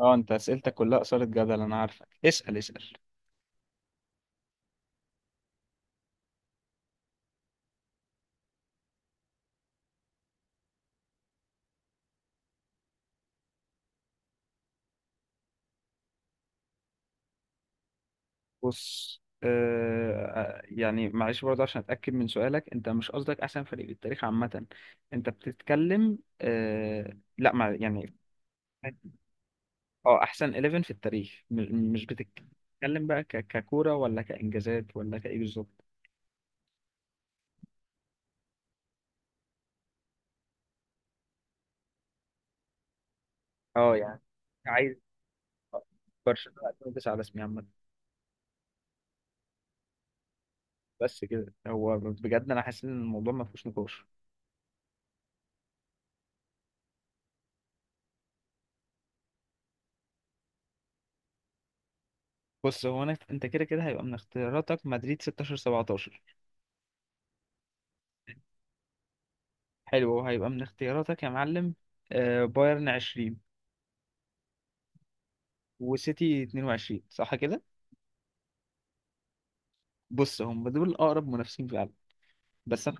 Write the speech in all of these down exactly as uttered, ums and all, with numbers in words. اه، انت اسئلتك كلها اثارت جدل. انا عارفك، اسال اسال. بص، آه يعني معلش برضه عشان اتاكد من سؤالك، انت مش قصدك احسن فريق بالتاريخ عامه. انت بتتكلم آه لا، مع يعني. اه، احسن حداشر في التاريخ، م- مش بتتكلم بقى ك- ككوره ولا كانجازات ولا كايه بالظبط؟ اه، يعني عايز برشلونه الفين وتسعه على اسمي عامه. بس كده هو بجد انا حاسس ان الموضوع ما فيهوش نقاش. بص، هو انا انت كده كده هيبقى من اختياراتك مدريد ستة عشر سبعة عشر. حلو، هيبقى من اختياراتك يا معلم. آه، بايرن عشرين وسيتي اثنين وعشرين، صح كده. بص، هم دول اقرب منافسين فعلا. بس أنا-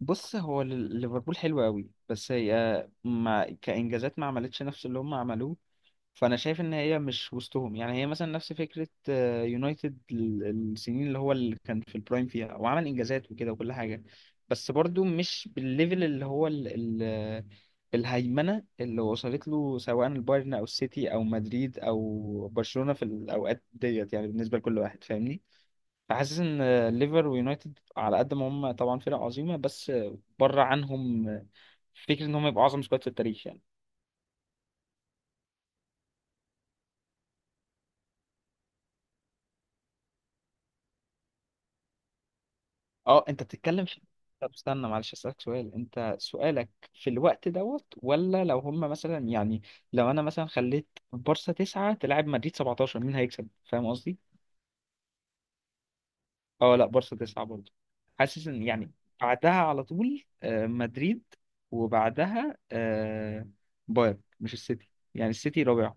بص، هو ال- ليفربول حلو قوي، بس هي آه، ما كانجازات ما عملتش نفس اللي هم عملوه. فانا شايف ان هي مش وسطهم، يعني هي مثلا نفس فكره آه، يونايتد ال- السنين اللي هو اللي كان في البرايم فيها وعمل انجازات وكده وكل حاجه. بس برضو مش بالليفل اللي هو ال ال آه، الهيمنه اللي وصلت له، سواء البايرن او السيتي او مدريد او برشلونه في الاوقات ديت، يعني بالنسبه لكل واحد، فاهمني. فحاسس ان آه، ليفر ويونايتد على قد ما هم طبعا فرق عظيمه، بس آه، بره عنهم آه، فكره ان هم يبقوا اعظم سكواد في التاريخ يعني. اه، انت بتتكلم في. طب استنى، معلش اسالك سؤال، انت سؤالك في الوقت دوت ولا لو هم مثلا، يعني لو انا مثلا خليت بارسا تسعة تلعب مدريد سبعتاشر مين هيكسب، فاهم قصدي؟ اه لا، بارسا تسعة برضه، حاسس ان يعني بعدها على طول آه، مدريد، وبعدها آه، بايرن، مش السيتي، يعني السيتي رابع.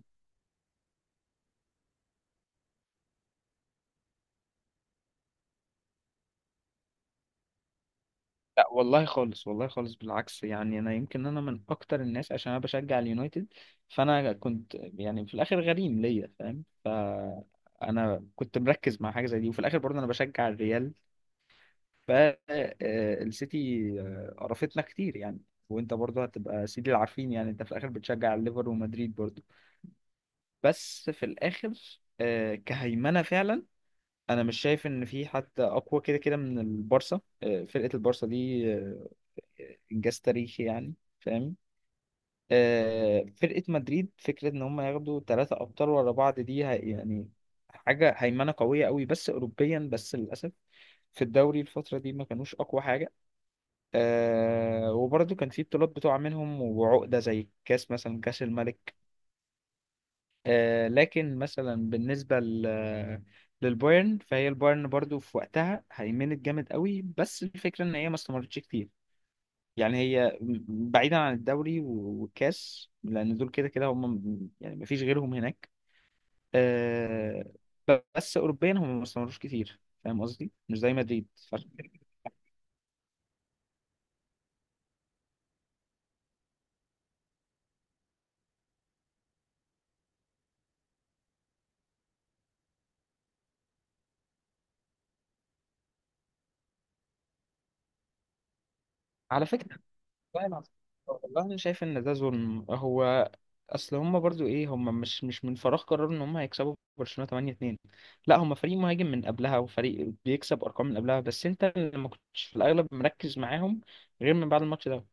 لا والله خالص، والله خالص، بالعكس. يعني انا يمكن انا من اكتر الناس، عشان انا بشجع اليونايتد، فانا كنت يعني في الاخر غريم ليا فاهم، فانا كنت مركز مع حاجه زي دي، وفي الاخر برضه انا بشجع الريال، فالسيتي قرفتنا كتير يعني. وانت برضه هتبقى سيدي العارفين، يعني انت في الاخر بتشجع الليفر ومدريد برضه. بس في الاخر آه، كهيمنه فعلا انا مش شايف ان في حد اقوى كده كده من البارسا. آه، فرقه البارسا دي آه، انجاز تاريخي يعني، فاهم. آه فرقه مدريد، فكره ان هم ياخدوا ثلاثه ابطال ورا بعض دي هي- يعني حاجه هيمنه قويه قوي، بس اوروبيا بس للاسف. في الدوري الفتره دي ما كانوش اقوى حاجه. آه وبرضه كان في بطولات بتقع منهم وعقده، زي كاس مثلا، كاس الملك. آه لكن مثلا بالنسبه ل للبايرن، فهي البايرن برضو في وقتها هيمنت جامد قوي، بس الفكره ان هي ما استمرتش كتير. يعني هي م- بعيدا عن الدوري و- والكاس، لان دول كده كده هم م- يعني مفيش غيرهم هناك. آه، بس اوروبيا هم ما استمروش كتير، فاهم قصدي، مش زي مدريد. فعشان كده- على فكره، والله العظيم، والله انا شايف ان ده ظلم هو. اصل هم برضو ايه، هم مش مش من فراغ قرروا ان هم هيكسبوا برشلونه تمانيه اتنين. لا، هم فريق مهاجم من قبلها، وفريق بيكسب ارقام من قبلها، بس انت اللي ما كنتش في الاغلب مركز معاهم غير من بعد الماتش ده.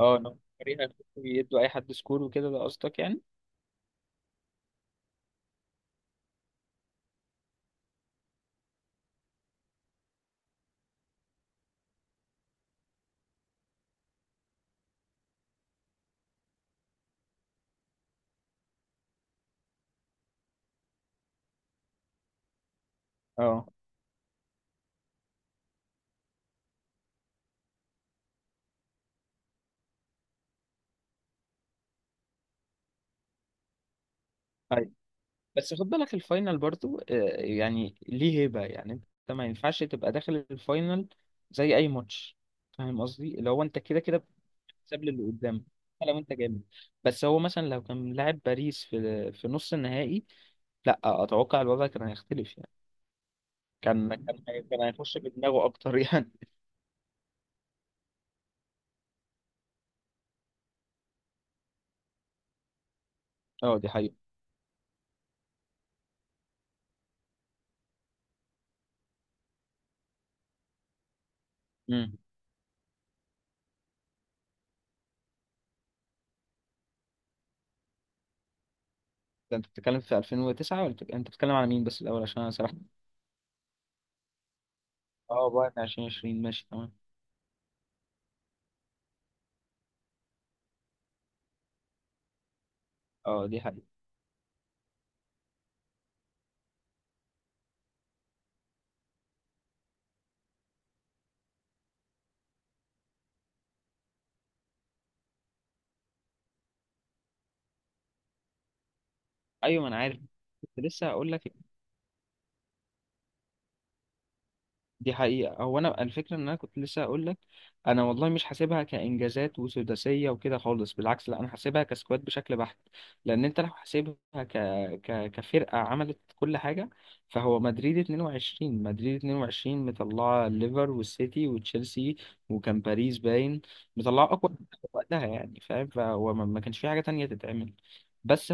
اه، إن هم فريق يدوا اي حد سكور وكده، ده قصدك يعني. اه، أيوة. بس خد بالك، الفاينل برضو آه، يعني ليه هيبة، يعني انت ما ينفعش تبقى داخل الفاينل زي اي ماتش، فاهم قصدي. لو انت كده كده بتكسب للي قدامك حتى لو انت جامد، بس هو مثلا لو كان لاعب باريس في في نص النهائي لا، اتوقع الوضع كان هيختلف يعني. كان كان هي- كان هيخش بدماغه اكتر يعني. اه، دي حقيقة. امم ده انت بتتكلم في الفين وتسعه ولا بت- انت بتتكلم على مين بس الاول، عشان انا سرحت؟ اه، بعد عشان عشرين، ماشي تمام. اه، دي حقيقة. ايوه، ما انا عارف، كنت لسه هقول لك. دي حقيقة، هو انا الفكرة ان انا كنت لسه هقول لك، انا والله مش حاسبها كانجازات وسداسية وكده خالص، بالعكس لا، انا حاسبها كسكواد بشكل بحت. لان انت لو حاسبها ك... ك... كفرقة عملت كل حاجة، فهو مدريد اتنين وعشرين مدريد اتنين وعشرين مطلعة الليفر والسيتي وتشيلسي، وكان باريس باين مطلعة اقوى وقتها، يعني فاهم، فهو ما ما كانش في حاجة تانية تتعمل. بس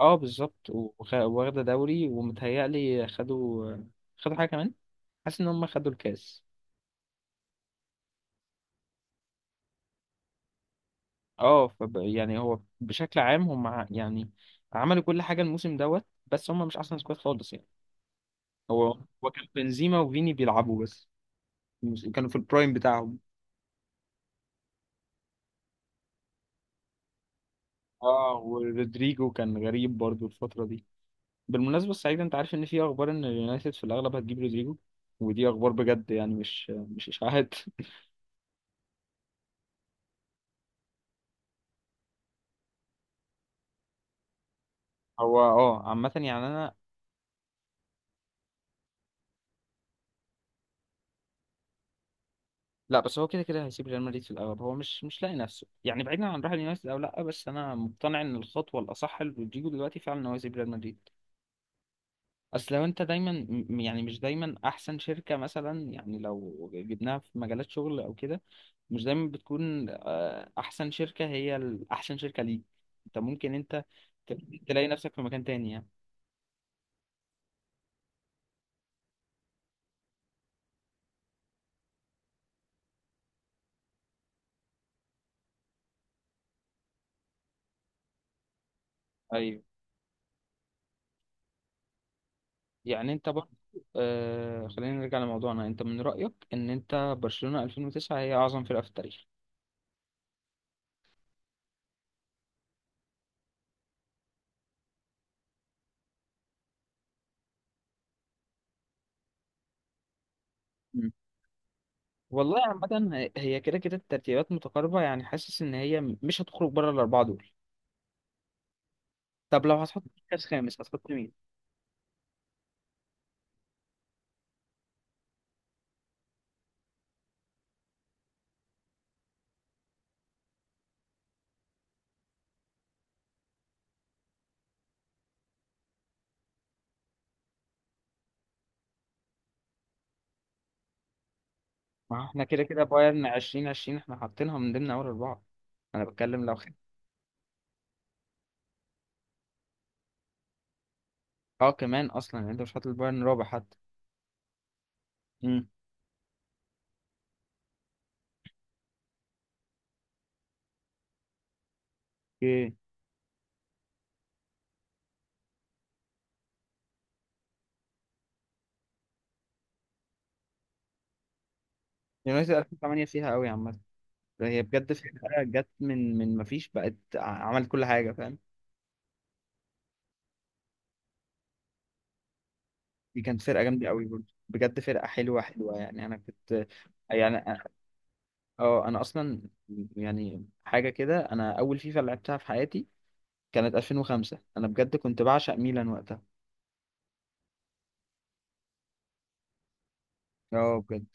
اه بالظبط، وخ- واخدة دوري، ومتهيألي خدوا خدوا حاجة كمان. حاسس ان هم خدوا الكاس. اه، فب... يعني هو بشكل عام هم ع- يعني عملوا كل حاجة الموسم دوت، بس هم مش احسن سكواد خالص يعني. هو هو كان بنزيما وفيني بيلعبوا بس، مش- كانوا في البرايم بتاعهم. اه، ورودريجو كان غريب برضو الفترة دي. بالمناسبة السعيدة، انت عارف ان في اخبار ان اليونايتد في الاغلب هتجيب رودريجو؟ ودي اخبار بجد يعني، مش مش اشاعات. هو اه، عامة يعني انا. لا بس هو كده كده هيسيب ريال مدريد في الاول، هو مش مش لاقي نفسه يعني، بعيدا عن راح اليونايتد او لا. بس انا مقتنع ان الخطوه الاصح لرودريجو دلوقتي فعلا ان هو يسيب ريال مدريد. اصل لو انت دايما م- يعني مش دايما احسن شركه، مثلا يعني لو جبناها في مجالات شغل او كده، مش دايما بتكون آه، احسن شركه هي ال- احسن شركه ليك. انت ممكن انت ت- تلاقي نفسك في مكان تاني يعني. ايوه، يعني انت برضه آه خلينا نرجع لموضوعنا. انت من رايك ان انت برشلونه الفين وتسعه هي اعظم فرقه في التاريخ. والله عامة هي كده كده الترتيبات متقاربة، يعني حاسس إن هي مش هتخرج بره الأربعة دول. طب لو هتحط مركز خامس هتحط مين؟ ما هو احنا كده كده بايرن عشرين عشرين احنا حاطينها من ضمن أول أربعة. أنا بتكلم لو خد. اه، كمان أصلا يعني أنت مش حاطط البايرن رابع حتى. امم اوكي. يونايتد الفين وتمانيه فيها قوي عامة، هي بجد فرقة جت من من مفيش، بقت ع- عملت كل حاجة، فاهم؟ دي كانت فرقة جامدة قوي برضه، بجد فرقة حلوة حلوة يعني، أنا كنت. يعني اه انا اصلا يعني حاجه كده، انا اول فيفا لعبتها في حياتي كانت الفين وخمسة، انا بجد كنت بعشق ميلان وقتها. اه بجد.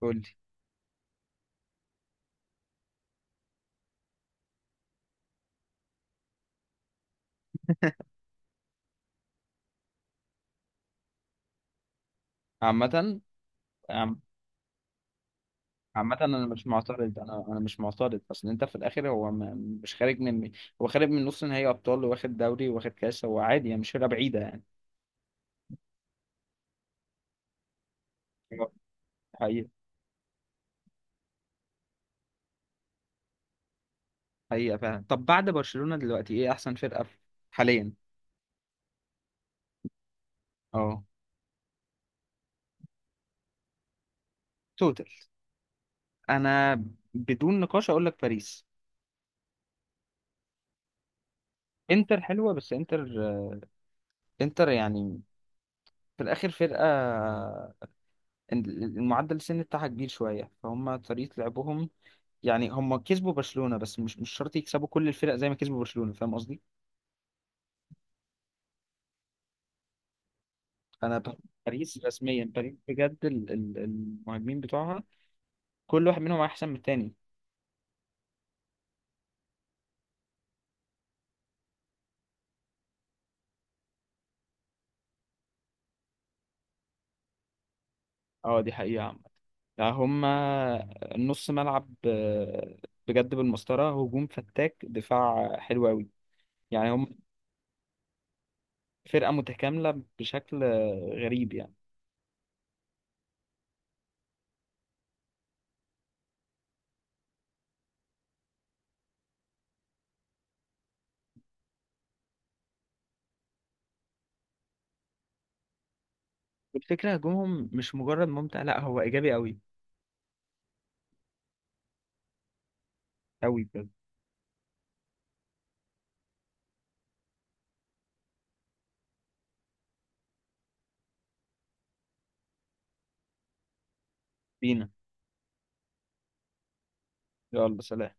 قول لي. عامه عم- عامه انا مش معترض، انا انا مش معترض. اصل انت في الاخر هو ما مش خارج من، هو خارج من نص نهائي ابطال، واخد دوري واخد كاس، هو عادي يعني مش فرقه بعيده يعني. اه، حقيقه. حقيقه فعلا. طب بعد برشلونه دلوقتي ايه احسن فرقه في- حاليا؟ اه، توتال، انا بدون نقاش اقول لك باريس. انتر حلوه، بس انتر انتر يعني في الاخر فرقه المعدل السن بتاعها كبير شويه، فهم طريقه لعبهم. يعني هم كسبوا برشلونه، بس مش مش شرط يكسبوا كل الفرق زي ما كسبوا برشلونه، فاهم قصدي. انا ب- باريس رسميا، باريس بجد ال- ال- المهاجمين بتوعها كل واحد منهم احسن من التاني. اه، دي حقيقه عامه، يعني هم نص ملعب آه، بجد بالمسطره، هجوم فتاك، دفاع حلو قوي. يعني هم فرقه متكامله بشكل آه، غريب يعني. والفكرة هجومهم مش مجرد ممتع، لا هو إيجابي أوي. أوي بجد. بينا. يلا سلام.